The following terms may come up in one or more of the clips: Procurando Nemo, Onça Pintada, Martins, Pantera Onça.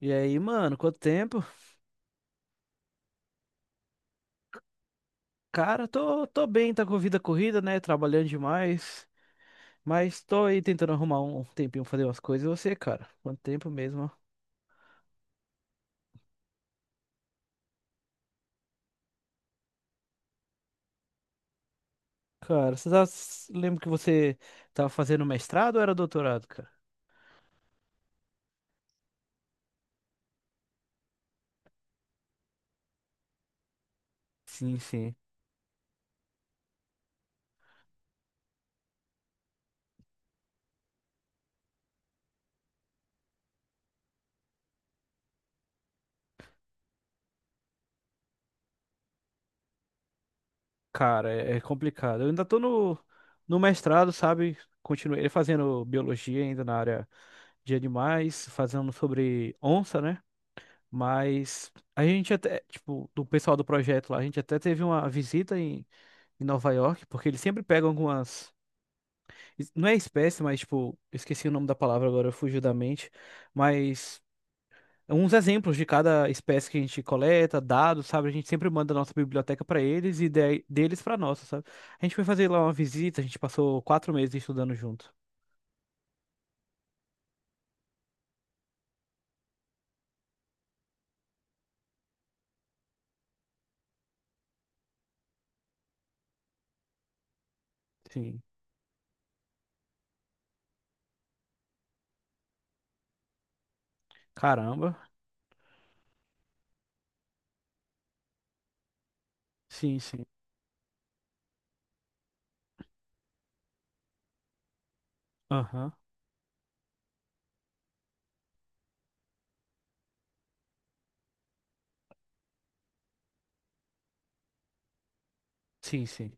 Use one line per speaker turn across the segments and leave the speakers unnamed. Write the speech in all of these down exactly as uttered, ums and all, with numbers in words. E aí, mano, quanto tempo? Cara, tô, tô bem, tá com a vida corrida, né? Trabalhando demais. Mas tô aí tentando arrumar um um tempinho pra fazer umas coisas. E você, cara? Quanto tempo mesmo? Ó? Cara, você tá... lembra que você tava fazendo mestrado ou era doutorado, cara? Sim, sim. Cara, é, é complicado. Eu ainda tô no, no mestrado, sabe? Continuei fazendo biologia ainda na área de animais, fazendo sobre onça, né? Mas a gente até, tipo, do pessoal do projeto lá, a gente até teve uma visita em em Nova York, porque eles sempre pegam algumas. es- Não é espécie, mas tipo, eu esqueci o nome da palavra agora, fugiu da mente. Mas uns exemplos de cada espécie que a gente coleta, dados, sabe? A gente sempre manda a nossa biblioteca para eles e de- deles para nossa, sabe? A gente foi fazer lá uma visita, a gente passou quatro meses estudando junto. Sim. Caramba. Sim, sim. Aham. Sim, sim.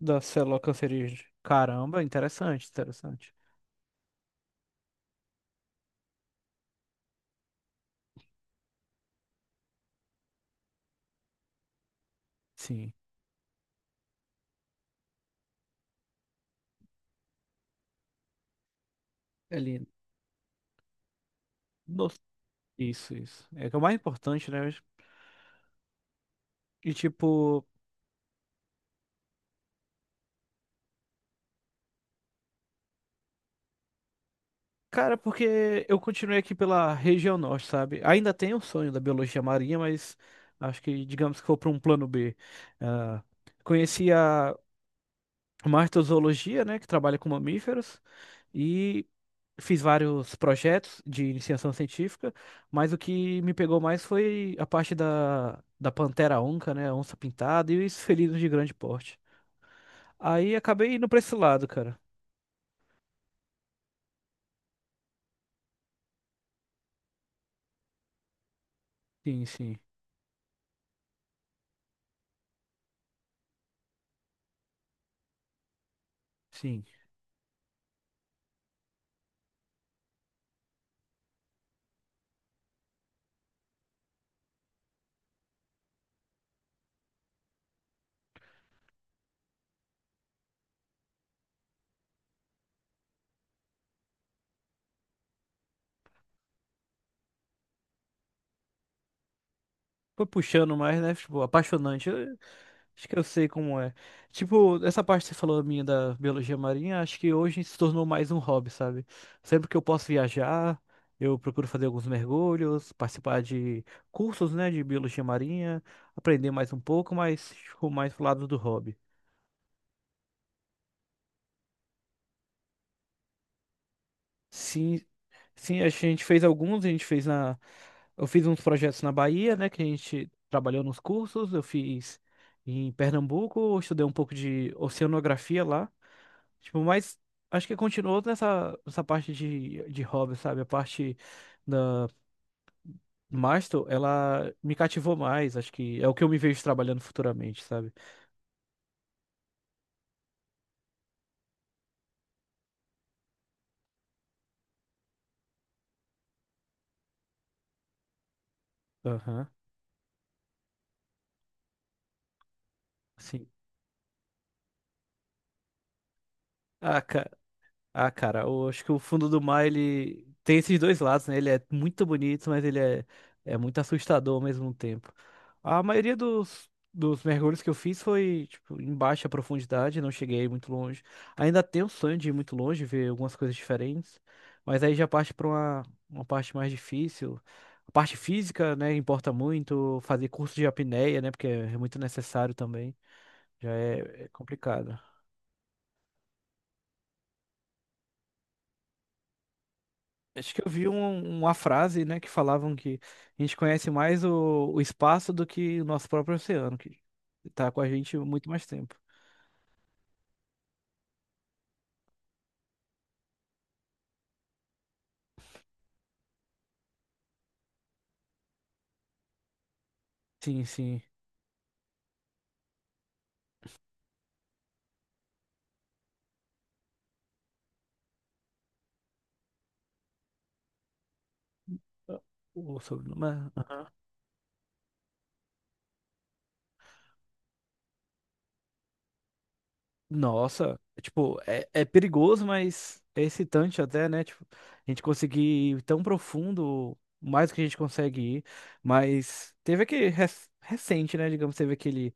Da célula cancerígena. Caramba, interessante, interessante. Sim. Ele. Nossa, isso, isso. É que é o mais importante, né? E tipo, cara, porque eu continuei aqui pela região norte, sabe? Ainda tenho o sonho da biologia marinha, mas acho que, digamos que for para um plano B. Ah, conheci a martozoologia, né? Que trabalha com mamíferos. E fiz vários projetos de iniciação científica, mas o que me pegou mais foi a parte da, da Pantera Onca, né? Onça Pintada e os felinos de grande porte. Aí acabei indo pra esse lado, cara. Sim, sim, sim. Foi puxando mais, né? Tipo, apaixonante. Acho que eu sei como é. Tipo, essa parte que você falou minha da biologia marinha, acho que hoje se tornou mais um hobby, sabe? Sempre que eu posso viajar, eu procuro fazer alguns mergulhos, participar de cursos, né, de biologia marinha, aprender mais um pouco, mas ficou mais pro lado do hobby. Sim, sim, a gente fez alguns, a gente fez na. Eu fiz uns projetos na Bahia, né? Que a gente trabalhou nos cursos, eu fiz em Pernambuco, eu estudei um pouco de oceanografia lá. Tipo, mas acho que continuou nessa, nessa parte de, de hobby, sabe? A parte da Mastro, ela me cativou mais, acho que é o que eu me vejo trabalhando futuramente, sabe? Aham, sim. Ah, ah, cara, eu acho que o fundo do mar, ele tem esses dois lados, né? Ele é muito bonito, mas ele é, é muito assustador ao mesmo tempo. A maioria dos, dos mergulhos que eu fiz foi, tipo, em baixa profundidade, não cheguei muito longe. Ainda tenho o sonho de ir muito longe, ver algumas coisas diferentes, mas aí já parte para uma, uma parte mais difícil. A parte física, né, importa muito, fazer curso de apneia, né, porque é muito necessário também, já é é complicado. Acho que eu vi um- uma frase, né, que falavam que a gente conhece mais o, o espaço do que o nosso próprio oceano, que tá com a gente muito mais tempo. Sim, sim. O sobrenome. é- Nossa, tipo, é, é perigoso, mas é excitante até, né? Tipo, a gente conseguir ir tão profundo, mais do que a gente consegue ir. Mas teve aquele rec- recente, né? Digamos, teve aquele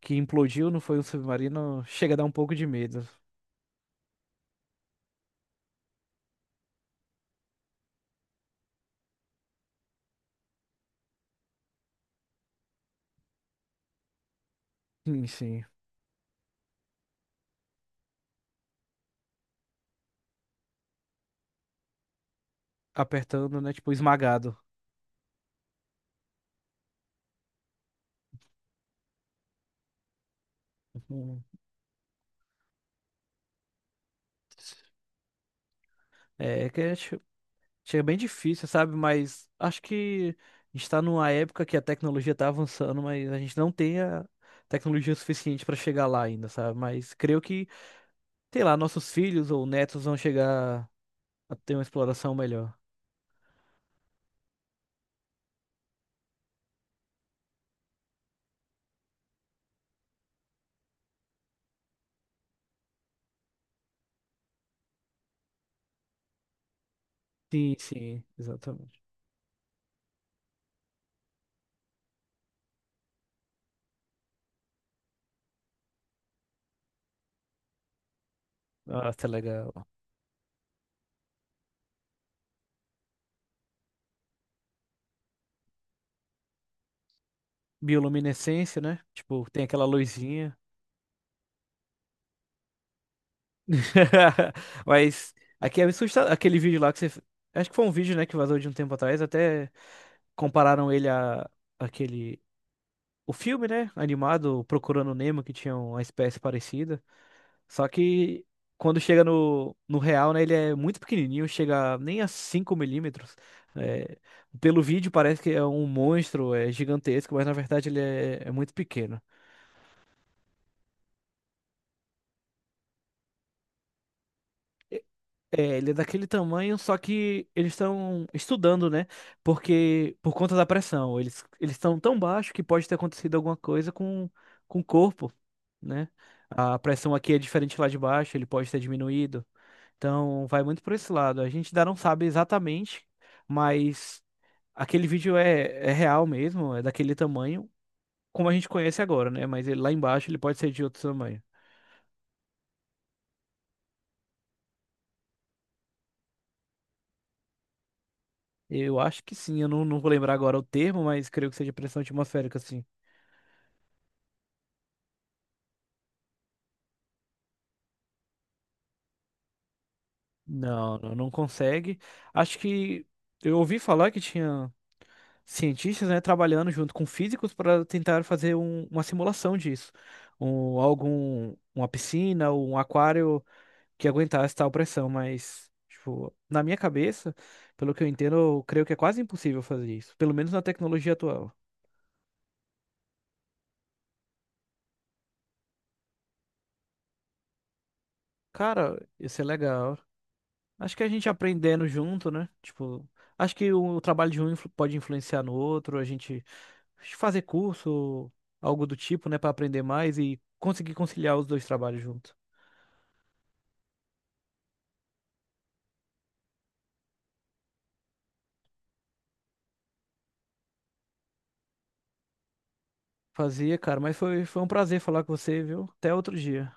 que implodiu, não foi um submarino, chega a dar um pouco de medo. Sim, sim. Apertando, né? Tipo, esmagado. Hum. É, é que é che- chega bem difícil, sabe? Mas acho que a gente está numa época que a tecnologia está avançando, mas a gente não tem a tecnologia suficiente para chegar lá ainda, sabe? Mas creio que, sei lá, nossos filhos ou netos vão chegar a ter uma exploração melhor. Sim, sim, exatamente. Nossa, é legal. Bioluminescência, né? Tipo, tem aquela luzinha. Mas aqui é assustador. Aquele vídeo lá que você. Acho que foi um vídeo, né, que vazou de um tempo atrás, até compararam ele a aquele o filme, né, animado Procurando Nemo que tinha uma espécie parecida. Só que quando chega no, no real, né, ele é muito pequenininho, chega nem a cinco milímetros. É, pelo vídeo parece que é um monstro, é gigantesco, mas na verdade ele é, é muito pequeno. É, ele é daquele tamanho, só que eles estão estudando, né? Porque por conta da pressão, eles eles estão tão baixo que pode ter acontecido alguma coisa com, com o corpo, né? A pressão aqui é diferente lá de baixo, ele pode ter diminuído. Então, vai muito por esse lado. A gente ainda não sabe exatamente, mas aquele vídeo é, é real mesmo, é daquele tamanho, como a gente conhece agora, né? Mas ele, lá embaixo ele pode ser de outro tamanho. Eu acho que sim, eu não, não vou lembrar agora o termo, mas creio que seja pressão atmosférica, sim. Não, não não consegue. Acho que eu ouvi falar que tinha cientistas, né, trabalhando junto com físicos para tentar fazer um- uma simulação disso. Um, algum, uma piscina ou um aquário que aguentasse tal pressão, mas, tipo, na minha cabeça, pelo que eu entendo, eu creio que é quase impossível fazer isso, pelo menos na tecnologia atual. Cara, isso é legal. Acho que a gente aprendendo junto, né? Tipo, acho que o, trabalho de um influ- pode influenciar no outro, a gente fazer curso, algo do tipo, né, pra aprender mais e conseguir conciliar os dois trabalhos junto. Fazia, cara, mas foi, foi um prazer falar com você, viu? Até outro dia.